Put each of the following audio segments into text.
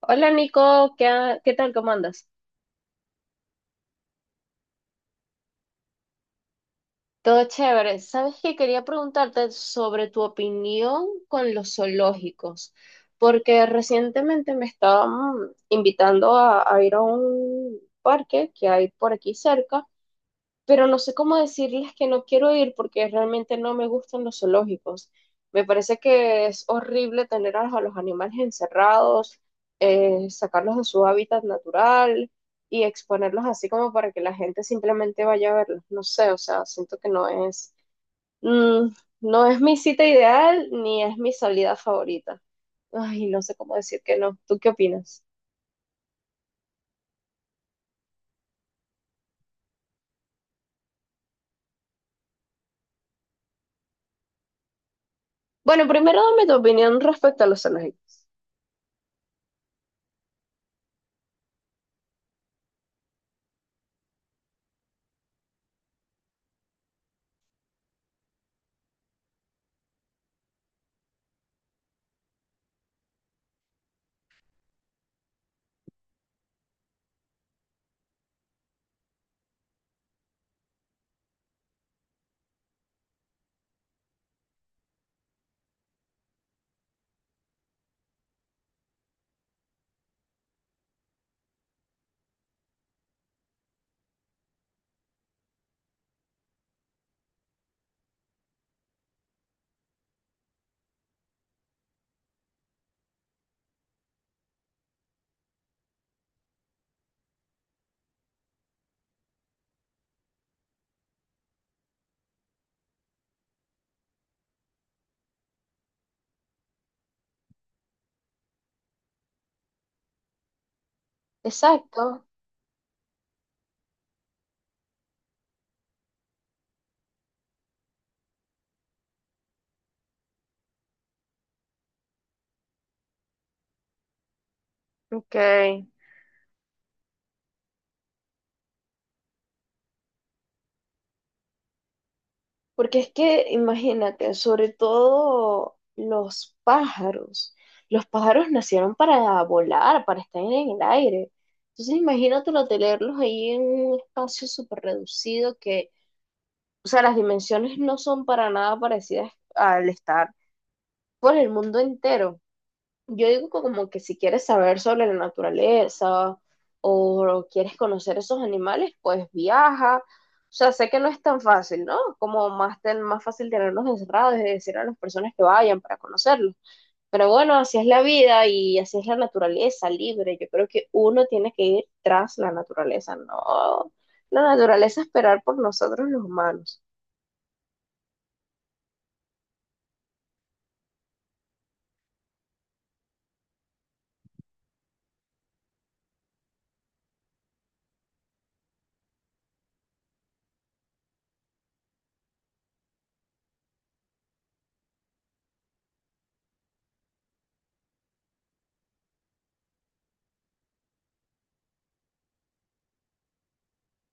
Hola Nico, ¿qué tal? ¿Cómo andas? Todo chévere. Sabes que quería preguntarte sobre tu opinión con los zoológicos, porque recientemente me estaban invitando a ir a un parque que hay por aquí cerca, pero no sé cómo decirles que no quiero ir porque realmente no me gustan los zoológicos. Me parece que es horrible tener a los animales encerrados, sacarlos de su hábitat natural y exponerlos así como para que la gente simplemente vaya a verlos. No sé, o sea, siento que mm, no es mi cita ideal ni es mi salida favorita. Ay, no sé cómo decir que no. ¿Tú qué opinas? Bueno, primero dame tu opinión respecto a los zoológicos. Exacto. Ok. Porque es que, imagínate, sobre todo los pájaros. Los pájaros nacieron para volar, para estar en el aire. Entonces, imagínatelo, tenerlos ahí en un espacio súper reducido que, o sea, las dimensiones no son para nada parecidas al estar por el mundo entero. Yo digo que como que si quieres saber sobre la naturaleza o quieres conocer esos animales, pues viaja. O sea, sé que no es tan fácil, ¿no? Como más, más fácil tenerlos encerrados y decir a las personas que vayan para conocerlos. Pero bueno, así es la vida y así es la naturaleza libre. Yo creo que uno tiene que ir tras la naturaleza, no la naturaleza esperar por nosotros los humanos.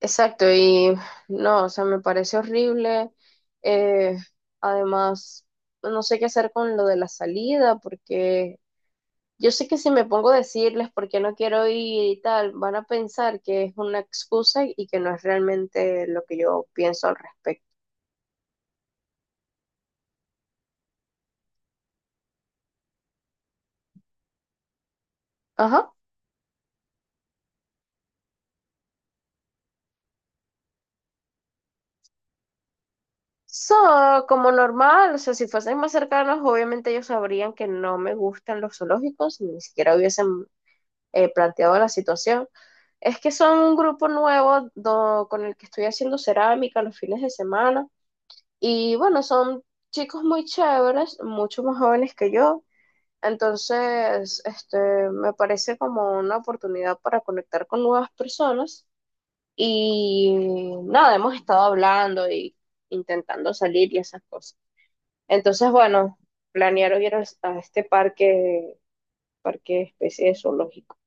Exacto, y no, o sea, me parece horrible. eh, Además, no sé qué hacer con lo de la salida, porque yo sé que si me pongo a decirles por qué no quiero ir y tal, van a pensar que es una excusa y que no es realmente lo que yo pienso al respecto. Ajá. So, como normal, o sea, si fuesen más cercanos, obviamente ellos sabrían que no me gustan los zoológicos, ni siquiera hubiesen planteado la situación. Es que son un grupo nuevo con el que estoy haciendo cerámica los fines de semana. Y bueno, son chicos muy chéveres, mucho más jóvenes que yo. Entonces, este, me parece como una oportunidad para conectar con nuevas personas. Y nada, hemos estado hablando y intentando salir y esas cosas. Entonces, bueno, planearon ir a este parque, parque especie de zoológico.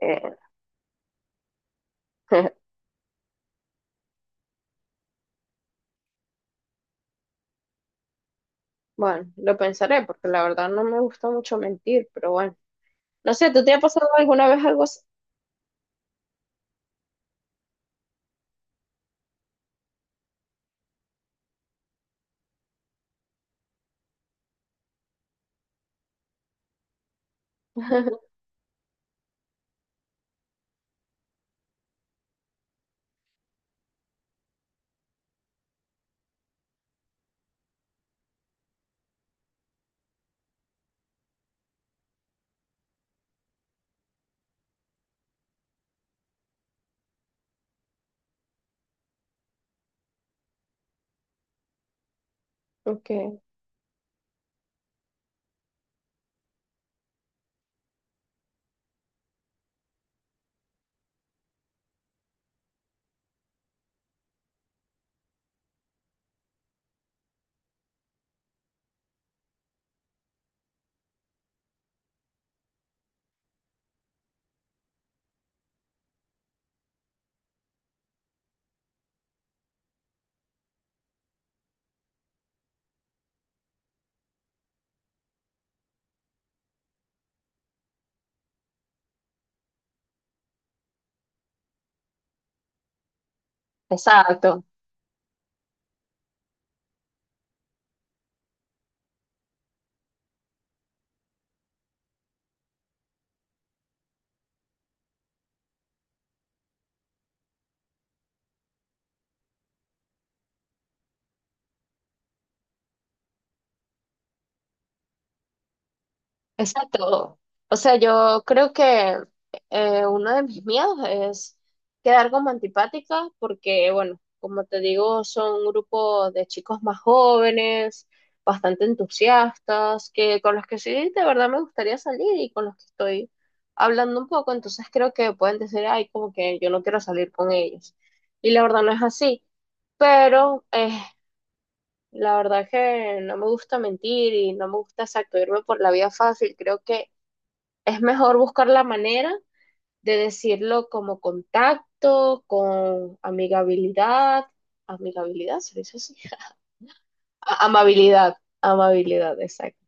Eh, Bueno, lo pensaré porque la verdad no me gusta mucho mentir, pero bueno. No sé, ¿tú te ha pasado alguna vez algo así? Ok, exacto. Exacto. O sea, yo creo que uno de mis miedos es quedar como antipática porque, bueno, como te digo, son un grupo de chicos más jóvenes, bastante entusiastas, que con los que sí de verdad me gustaría salir y con los que estoy hablando un poco, entonces creo que pueden decir, ay, como que yo no quiero salir con ellos. Y la verdad no es así, pero la verdad que no me gusta mentir y no me gusta, exacto, irme por la vía fácil. Creo que es mejor buscar la manera de decirlo como contacto, con amigabilidad, amigabilidad, se dice así, amabilidad, amabilidad, exacto.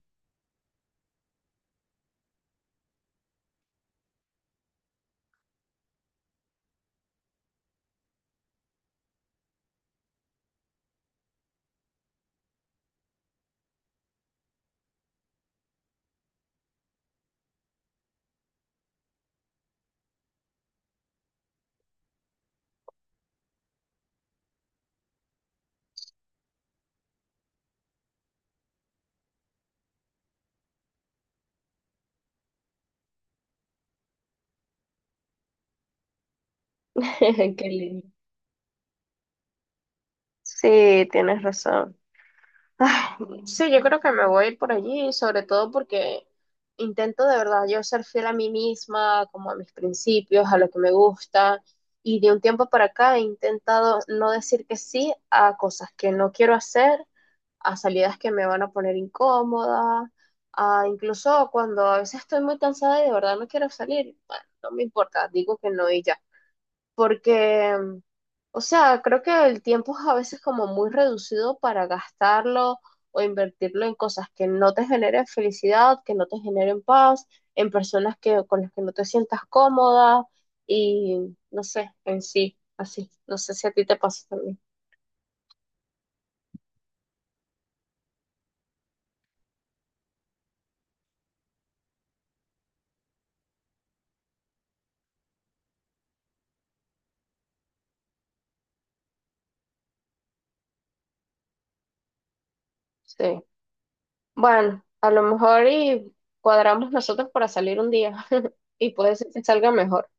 Qué lindo. Sí, tienes razón. Ay, sí, yo creo que me voy a ir por allí, sobre todo porque intento de verdad yo ser fiel a mí misma, como a mis principios, a lo que me gusta, y de un tiempo para acá he intentado no decir que sí a cosas que no quiero hacer, a salidas que me van a poner incómoda, a incluso cuando a veces estoy muy cansada y de verdad no quiero salir, bueno, no me importa, digo que no y ya porque, o sea, creo que el tiempo es a veces como muy reducido para gastarlo o invertirlo en cosas que no te generen felicidad, que no te generen paz, en personas con las que no te sientas cómoda, y no sé, en sí, así. No sé si a ti te pasa también. Sí. Bueno, a lo mejor y cuadramos nosotros para salir un día y puede ser que salga mejor.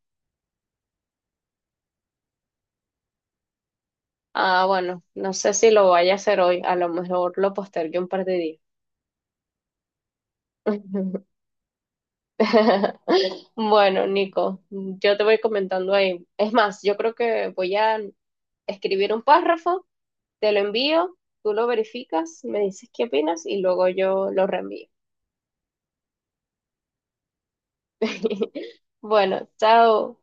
Ah, bueno, no sé si lo vaya a hacer hoy, a lo mejor lo postergué un par de días. Bueno, Nico, yo te voy comentando ahí. Es más, yo creo que voy a escribir un párrafo, te lo envío, tú lo verificas, me dices qué opinas y luego yo lo reenvío. Bueno, chao.